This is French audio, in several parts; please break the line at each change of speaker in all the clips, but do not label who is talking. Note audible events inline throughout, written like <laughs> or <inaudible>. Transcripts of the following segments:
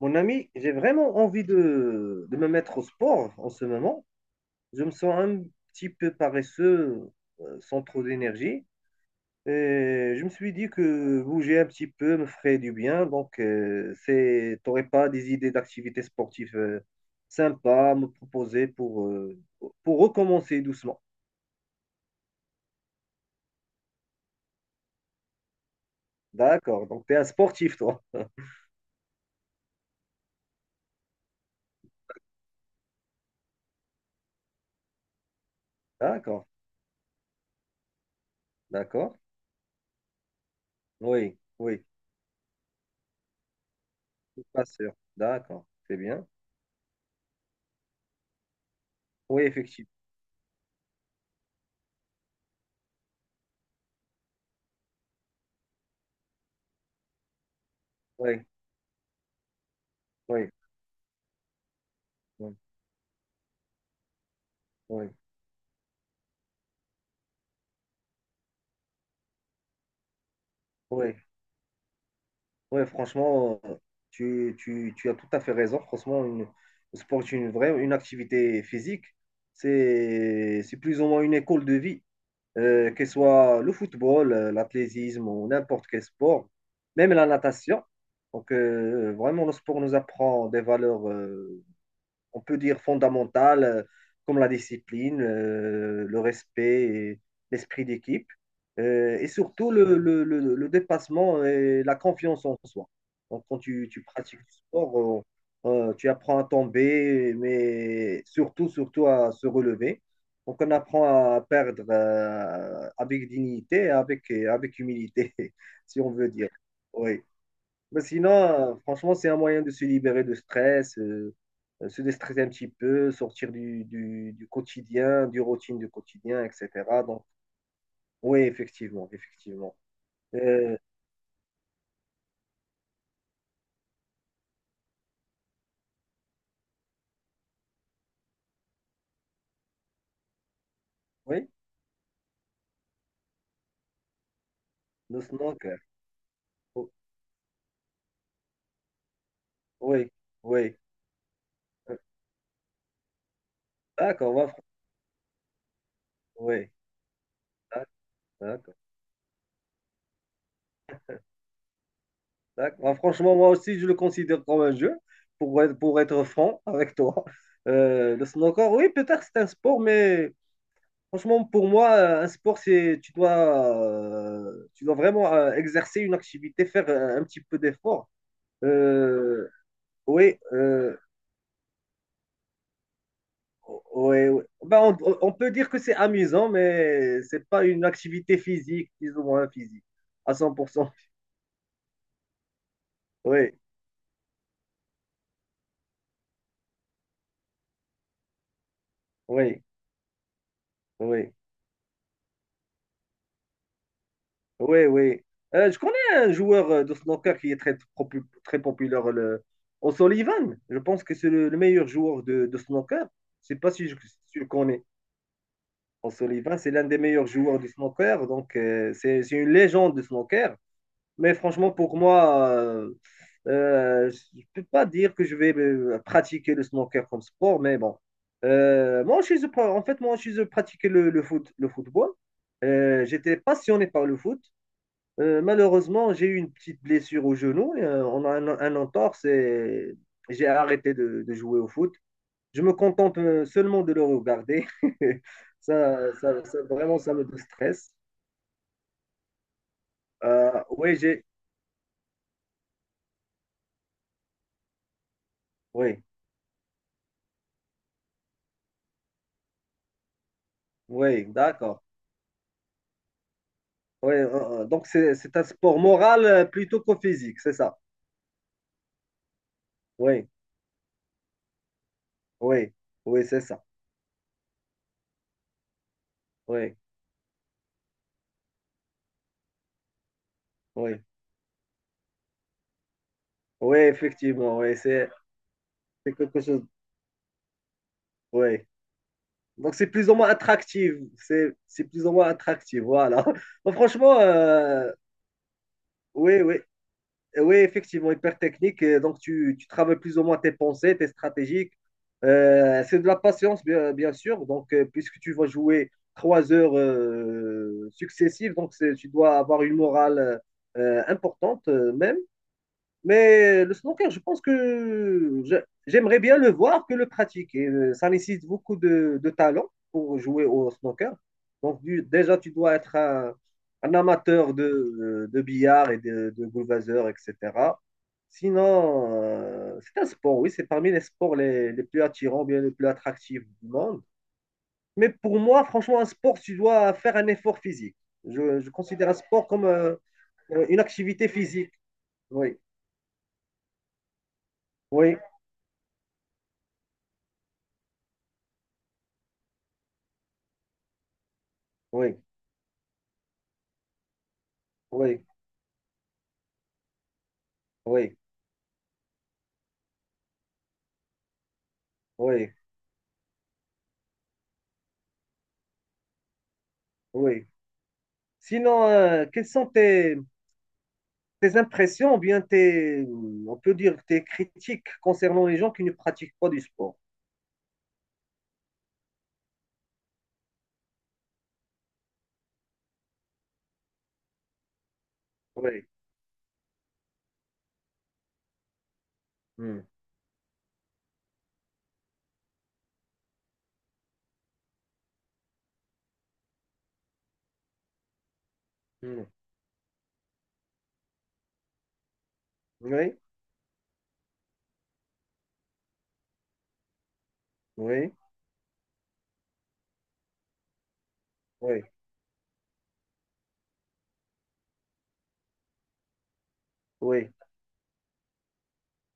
Mon ami, j'ai vraiment envie de me mettre au sport en ce moment. Je me sens un petit peu paresseux, sans trop d'énergie. Et je me suis dit que bouger un petit peu me ferait du bien. Donc, t'aurais pas des idées d'activités sportives sympas à me proposer pour recommencer doucement. D'accord. Donc, tu es un sportif, toi. <laughs> D'accord. D'accord. Oui. Oui. Pas sûr. D'accord. C'est bien. Oui, effectivement. Oui. Oui. Oui. Oui. Ouais, ouais, franchement, tu as tout à fait raison. Franchement, le sport est une vraie une activité physique. C'est plus ou moins une école de vie, que ce soit le football, l'athlétisme ou n'importe quel sport, même la natation. Donc, vraiment, le sport nous apprend des valeurs on peut dire fondamentales, comme la discipline, le respect, et l'esprit d'équipe, et surtout le dépassement et la confiance en soi. Donc, quand tu pratiques du sport, tu apprends à tomber, mais surtout à se relever. Donc, on apprend à perdre avec dignité, et avec humilité, <laughs> si on veut dire. Oui. Mais sinon, franchement, c'est un moyen de se libérer de stress, se déstresser un petit peu, sortir du quotidien, du routine du quotidien, etc. Donc, oui, effectivement. Euh, oui, le snooker. Oh, oui, oui. Euh, D'accord, moi, fr- oui. D'ac- D'accord, d'accord. Moi, franchement, moi aussi, je le considère comme un jeu, pour être franc avec toi. Le snooker, oui, peut-être c'est un sport, mais franchement, pour moi, un sport, c'est tu dois vraiment exercer une activité, faire un petit peu d'effort. Euh, oui, euh, oui, oui. Ben, on peut dire que c'est amusant, mais c'est pas une activité physique, plus ou moins physique, à 100%. Oui, oui, oui, oui. <laughs> Je connais un joueur de snooker qui est très populaire, le O'Sullivan. Je pense que c'est le meilleur joueur de snooker. Je sais pas si si tu le connais. O'Sullivan, c'est l'un des meilleurs joueurs du snooker, donc c'est une légende du snooker. Mais franchement, pour moi, je ne peux pas dire que je vais pratiquer le snooker comme sport, mais bon. En fait, moi, je pratiquais le foot, le football. J'étais passionné par le foot. Malheureusement, j'ai eu une petite blessure au genou. On a un entorse et j'ai arrêté de jouer au foot. Je me contente seulement de le regarder. <laughs> Vraiment, ça me stresse. Oui, j'ai. Oui, oui, d'accord. Oui, donc, c'est un sport moral plutôt qu'au physique, c'est ça. Oui, oui, oui, c'est ça. Oui, oui, oui, effectivement. Oui, c'est quelque chose. Oui. Donc, c'est plus ou moins attractif. C'est plus ou moins attractif. Voilà. <laughs> Bon, franchement, oui, oui. oui, effectivement, hyper technique. Et donc, tu travailles plus ou moins tes pensées, tes stratégies. C'est de la patience, bien sûr. Donc, puisque tu vas jouer trois heures successives, tu dois avoir une morale importante, même. Mais le snooker, je pense que je- j'aimerais bien le voir que le pratiquer. Ça nécessite beaucoup de talent pour jouer au snooker. Donc, déjà, tu dois être un amateur de billard et de Gulwasser, etc. Sinon, c'est un sport, oui, c'est parmi les sports les plus attirants, bien les plus attractifs du monde. Mais pour moi, franchement, un sport, tu dois faire un effort physique. Je considère un sport comme une activité physique. Oui, oui, oui. Oui, oui, oui, oui. Sinon, quelles sont tes impressions ou bien tes, on peut dire, tes critiques concernant les gens qui ne pratiquent pas du sport? Oui. Hmm. Hmm. Oui, oui, oui, oui.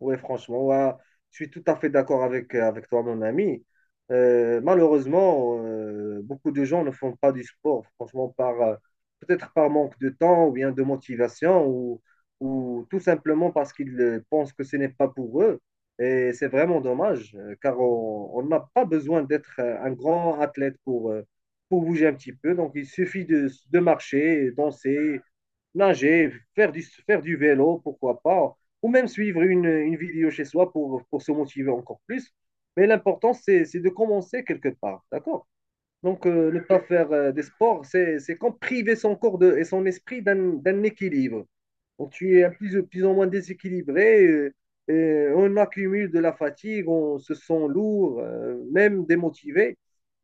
Oui, franchement, ouais, je suis tout à fait d'accord avec, avec toi, mon ami. Malheureusement, beaucoup de gens ne font pas du sport, franchement, par peut-être par manque de temps ou bien de motivation ou tout simplement parce qu'ils pensent que ce n'est pas pour eux. Et c'est vraiment dommage, car on n'a pas besoin d'être un grand athlète pour bouger un petit peu. Donc, il suffit de marcher, danser, nager, faire faire du vélo, pourquoi pas, ou même suivre une vidéo chez soi pour se motiver encore plus. Mais l'important, c'est de commencer quelque part, d'accord? Donc, ne pas faire des sports, c'est comme priver son corps de, et son esprit d'un équilibre. Donc, tu es plus ou moins déséquilibré, et on accumule de la fatigue, on se sent lourd, même démotivé.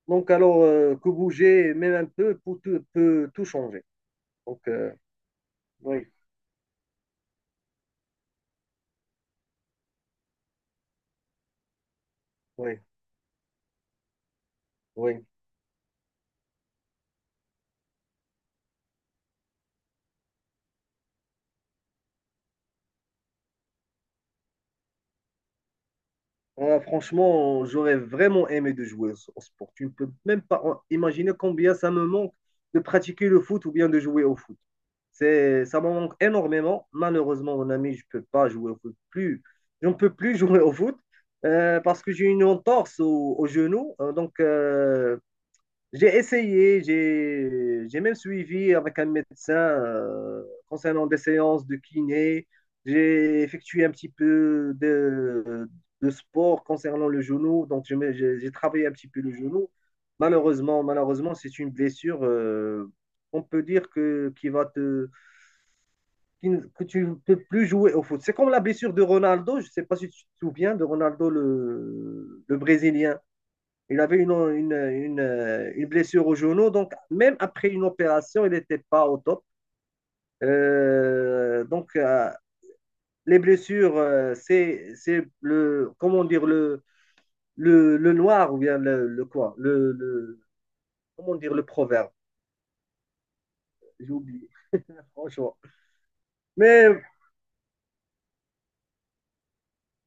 Donc, alors que bouger, même un peu, peut tout changer. Donc, oui, oui, oui. Ouais, franchement, j'aurais vraiment aimé de jouer au au sport. Tu ne peux même pas imaginer combien ça me manque de pratiquer le foot ou bien de jouer au foot. Ça me manque énormément. Malheureusement, mon ami, je peux pas jouer au foot plus. Je ne peux plus <laughs> jouer au foot parce que j'ai une entorse au genou. Donc, j'ai essayé, j'ai même suivi avec un médecin concernant des séances de kiné. J'ai effectué un petit peu de sport concernant le genou, j'ai travaillé un petit peu le genou. Malheureusement, c'est une blessure, on peut dire que, qui ne- que tu ne peux plus jouer au foot. C'est comme la blessure de Ronaldo, je ne sais pas si tu te souviens de Ronaldo, le Brésilien. Il avait une blessure au genou. Donc, même après une opération, il n'était pas au top. Donc, les blessures, c'est le, comment dire, le noir ou bien comment dire, le proverbe. J'ai oublié, franchement. Mais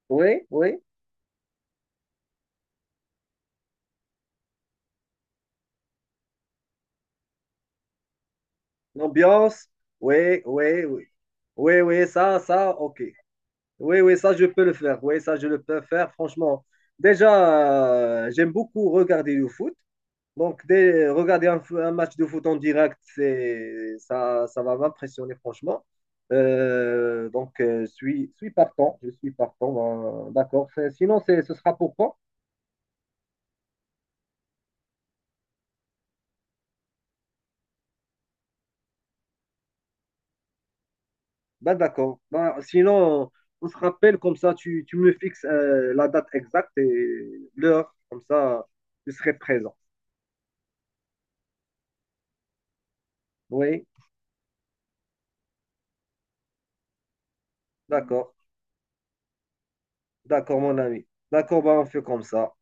oui, oui, l'ambiance, oui. Ça, ok. Oui, ça, je peux le faire. Oui, ça, je le peux faire, franchement. Déjà, j'aime beaucoup regarder le foot. Donc, regarder un match de foot en direct, ça va m'impressionner, franchement. Donc, je suis partant. Je suis partant. Ben, d'accord. Sinon, ce sera pour quand? Ben, d'accord. Ben, sinon, on se rappelle, comme ça, tu me fixes la date exacte et l'heure. Comme ça, je serai présent. Oui, d'accord. D'accord, mon ami. D'accord, ben, on fait comme ça.